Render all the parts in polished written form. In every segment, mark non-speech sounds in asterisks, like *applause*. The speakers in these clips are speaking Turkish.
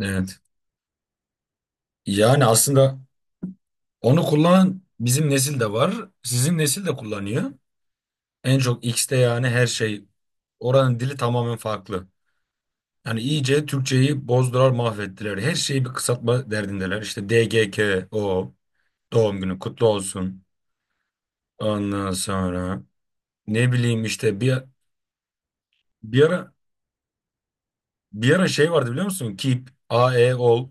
Evet. Yani aslında onu kullanan bizim nesil de var. Sizin nesil de kullanıyor. En çok X'te, yani her şey. Oranın dili tamamen farklı. Yani iyice Türkçeyi bozdular, mahvettiler. Her şeyi bir kısaltma derdindeler. İşte D G K o, doğum günü kutlu olsun. Ondan sonra ne bileyim, işte bir ara bir ara şey vardı biliyor musun? Keep, A E ol,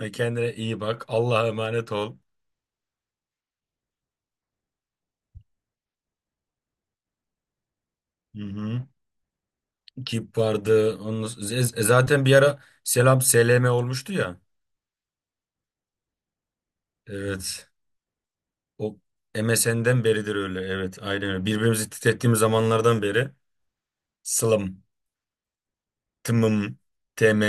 ve kendine iyi bak, Allah'a emanet ol. Hı hı. Kip vardı. Onun, zaten bir ara Selam SLM olmuştu ya. Evet. O MSN'den beridir öyle. Evet, aynen öyle. Birbirimizi titrettiğimiz zamanlardan beri. Sılım, tımım, tmm,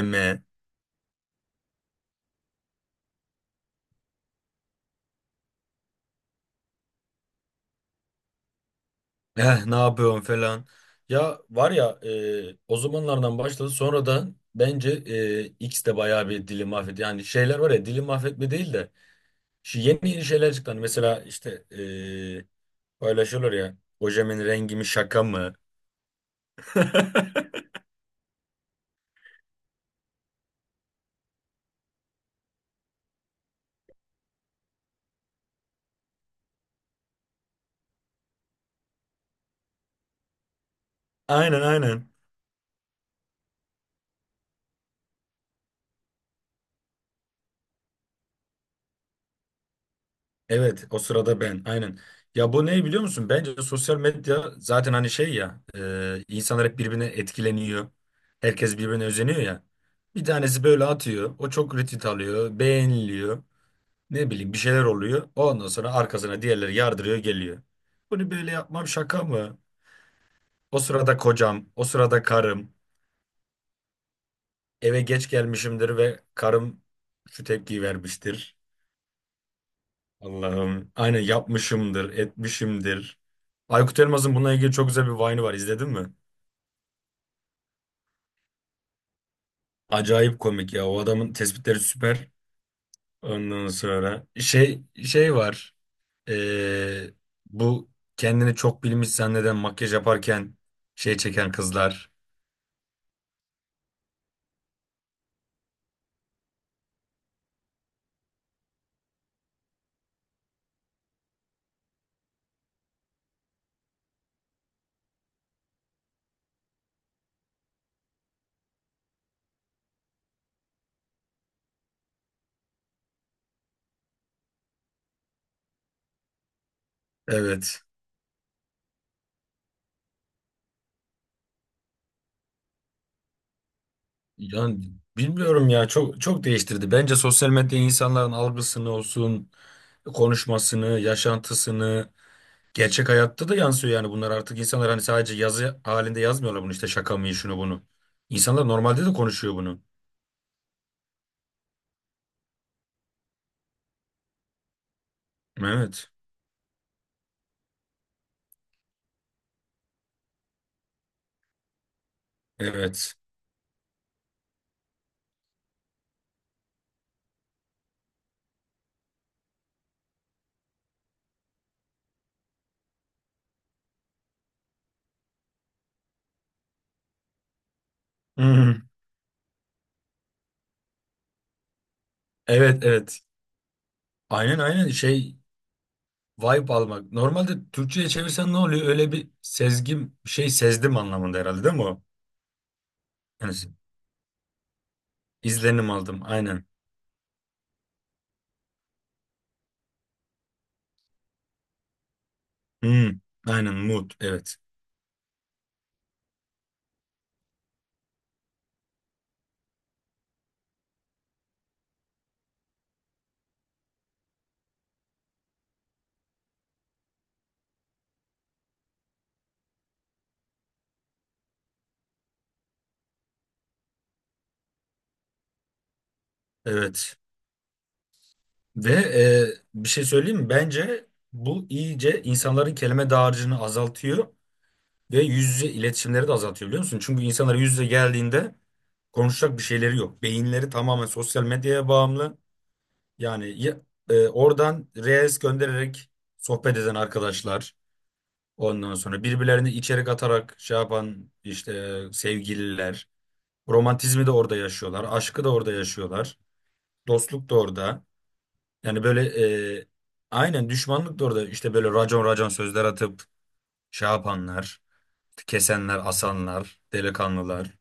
ne yapıyorsun falan. Ya var ya, o zamanlardan başladı. Sonra da bence X de bayağı bir dili mahvetti. Yani şeyler var ya, dili mahvetme değil de. Şu yeni yeni şeyler çıktı. Hani mesela işte paylaşıyorlar ya. Ojemin rengi mi, şaka mı? *laughs* Aynen, aynen. Evet, o sırada ben, aynen. Ya bu ne, biliyor musun? Bence sosyal medya zaten, hani şey ya, insanlar hep birbirine etkileniyor. Herkes birbirine özeniyor ya. Bir tanesi böyle atıyor. O çok retweet alıyor. Beğeniliyor. Ne bileyim, bir şeyler oluyor. Ondan sonra arkasına diğerleri yardırıyor geliyor. Bunu böyle yapmam, şaka mı? O sırada kocam, o sırada karım. Eve geç gelmişimdir ve karım şu tepkiyi vermiştir. Allah'ım. Aynen, yapmışımdır, etmişimdir. Aykut Elmas'ın bununla ilgili çok güzel bir Vine'ı var. İzledin mi? Acayip komik ya. O adamın tespitleri süper. Ondan sonra şey var. Ee, bu kendini çok bilmiş zanneden makyaj yaparken şey çeken kızlar. Evet. Yani bilmiyorum ya, çok çok değiştirdi. Bence sosyal medya insanların algısını olsun, konuşmasını, yaşantısını, gerçek hayatta da yansıyor. Yani bunlar artık, insanlar hani sadece yazı halinde yazmıyorlar bunu, işte şaka mı, şunu bunu. İnsanlar normalde de konuşuyor bunu. Evet. Evet. Hı. Evet, evet. Aynen, aynen şey, vibe almak. Normalde Türkçe'ye çevirsen ne oluyor? Öyle bir sezgim, şey, sezdim anlamında herhalde, değil mi o? Yani izlenim aldım, aynen. Hı. Aynen, mood, evet. Evet. Ve bir şey söyleyeyim mi? Bence bu iyice insanların kelime dağarcığını azaltıyor. Ve yüz yüze iletişimleri de azaltıyor, biliyor musun? Çünkü insanlar yüz yüze geldiğinde konuşacak bir şeyleri yok. Beyinleri tamamen sosyal medyaya bağımlı. Yani oradan reels göndererek sohbet eden arkadaşlar. Ondan sonra birbirlerine içerik atarak şey yapan işte sevgililer. Romantizmi de orada yaşıyorlar. Aşkı da orada yaşıyorlar. Dostluk da orada. Yani böyle, e, aynen düşmanlık da orada. İşte böyle racon racon sözler atıp şey yapanlar. Kesenler, asanlar, delikanlılar.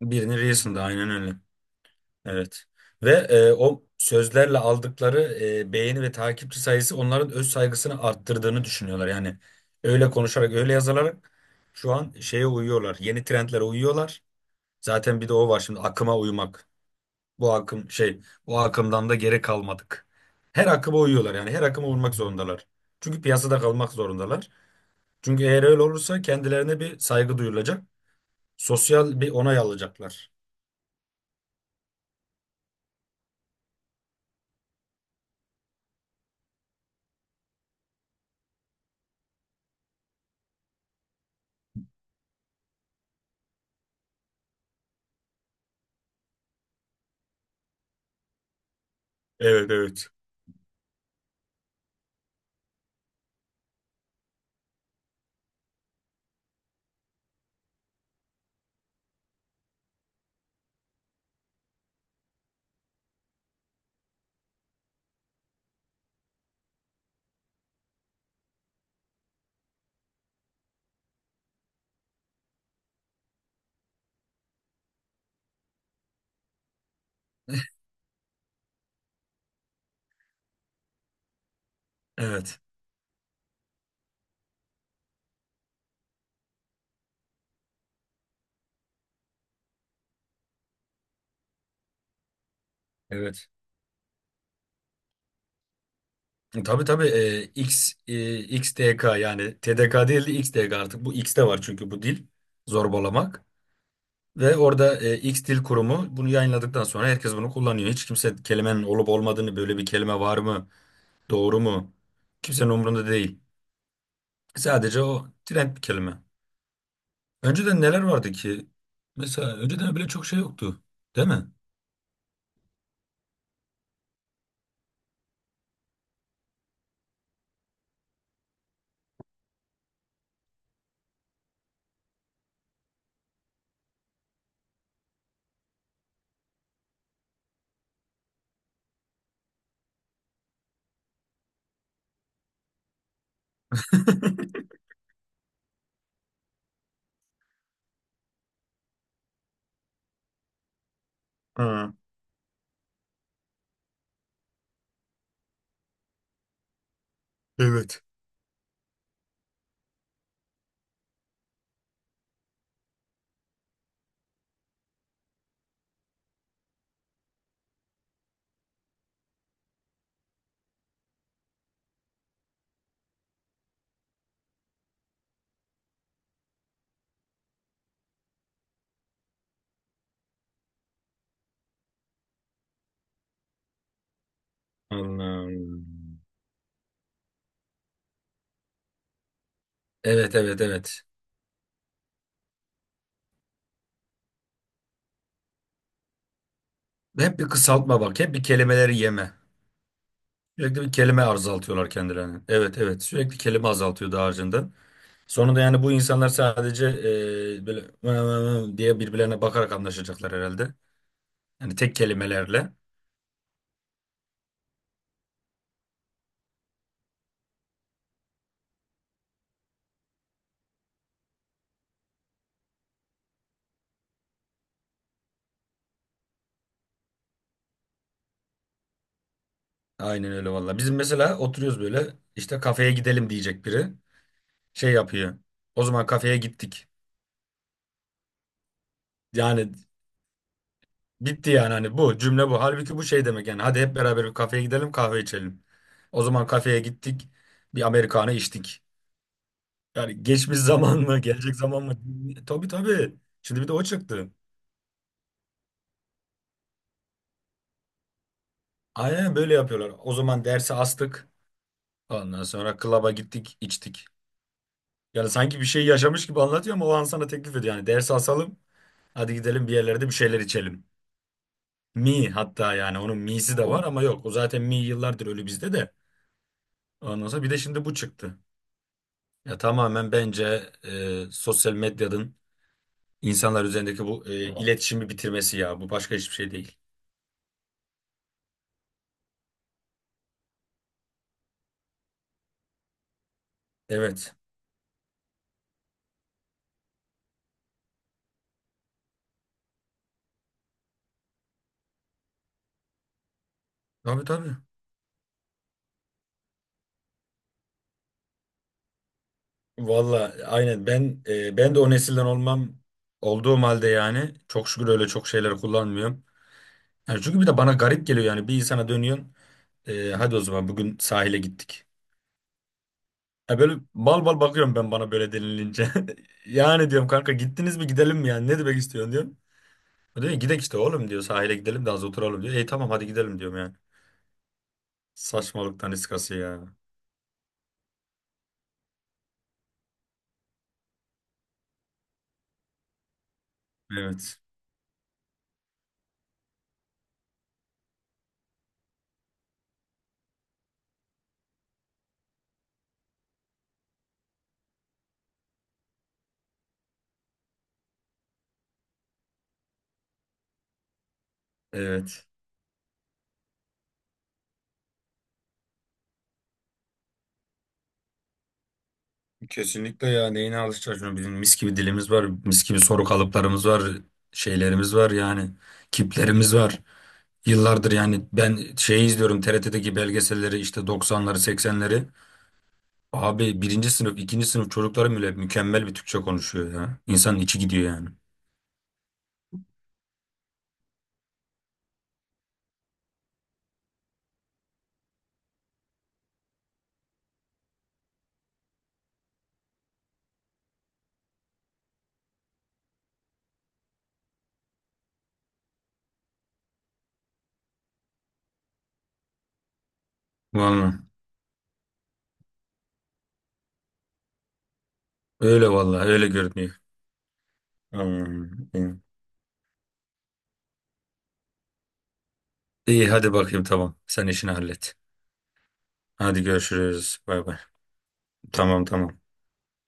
Birini Reels'ında, aynen öyle. Evet. Ve o sözlerle aldıkları beğeni ve takipçi sayısı, onların öz saygısını arttırdığını düşünüyorlar. Yani öyle konuşarak, öyle yazılarak şu an şeye uyuyorlar. Yeni trendlere uyuyorlar. Zaten bir de o var şimdi, akıma uymak. Bu akım şey, bu akımdan da geri kalmadık. Her akıma uyuyorlar, yani her akıma uymak zorundalar. Çünkü piyasada kalmak zorundalar. Çünkü eğer öyle olursa kendilerine bir saygı duyulacak. Sosyal bir onay alacaklar. Evet, evet. Evet. Evet. Tabii, tabii, X, XDK, yani TDK değil de XDK artık, bu X'te var çünkü bu dil, zorbalamak, ve orada X Dil Kurumu bunu yayınladıktan sonra herkes bunu kullanıyor. Hiç kimse kelimenin olup olmadığını, böyle bir kelime var mı, doğru mu, kimsenin umurunda değil. Sadece o trend bir kelime. Önceden neler vardı ki? Mesela önceden bile çok şey yoktu, değil mi? Ha, evet. Anladım. Evet, evet, evet. Hep bir kısaltma bak, hep bir kelimeleri yeme. Sürekli bir kelime azaltıyorlar kendilerine. Evet, evet, sürekli kelime azaltıyor daha harcında. Sonunda yani bu insanlar sadece böyle "Vı vı vı" diye birbirlerine bakarak anlaşacaklar herhalde. Yani tek kelimelerle. Aynen öyle valla. Bizim mesela oturuyoruz böyle, işte kafeye gidelim diyecek biri. Şey yapıyor. O zaman kafeye gittik. Yani bitti yani, hani bu cümle bu. Halbuki bu şey demek yani, hadi hep beraber bir kafeye gidelim, kahve içelim. O zaman kafeye gittik. Bir Amerikanı içtik. Yani geçmiş zaman mı, gelecek zaman mı? Tabii, tabii. Şimdi bir de o çıktı. Aynen böyle yapıyorlar. O zaman dersi astık. Ondan sonra klaba gittik, içtik. Yani sanki bir şey yaşamış gibi anlatıyor ama o an sana teklif ediyor. Yani dersi asalım, hadi gidelim bir yerlerde bir şeyler içelim. Mi, hatta yani onun mi'si de var ama yok. O zaten mi yıllardır ölü bizde de. Ondan sonra bir de şimdi bu çıktı. Ya tamamen bence sosyal medyanın insanlar üzerindeki bu iletişimi bitirmesi ya. Bu başka hiçbir şey değil. Evet. Tabii, tabii. Valla aynen, ben de o nesilden olmam olduğum halde yani, çok şükür öyle çok şeyler kullanmıyorum. Yani çünkü bir de bana garip geliyor yani, bir insana dönüyorsun, hadi o zaman bugün sahile gittik. Ya böyle bal bal bakıyorum ben, bana böyle denilince. *laughs* Yani diyorum, kanka gittiniz mi, gidelim mi, yani ne demek istiyorsun diyorum. O diyor ki, gidek işte oğlum diyor, sahile gidelim de az oturalım diyor. E tamam, hadi gidelim diyorum yani. Saçmalıktan iskası ya. Evet. Evet. Kesinlikle ya, neyine alışacağız şunu. Bizim mis gibi dilimiz var, mis gibi soru kalıplarımız var, şeylerimiz var yani, kiplerimiz var yıllardır. Yani ben şey izliyorum, TRT'deki belgeselleri, işte 90'ları, 80'leri, abi birinci sınıf ikinci sınıf çocukları bile mükemmel bir Türkçe konuşuyor ya, insanın içi gidiyor yani. Vallahi öyle, vallahi öyle görünüyor. Hmm, iyi. İyi, hadi bakayım, tamam, sen işini hallet, hadi görüşürüz, bay bay. Tamam, tamam.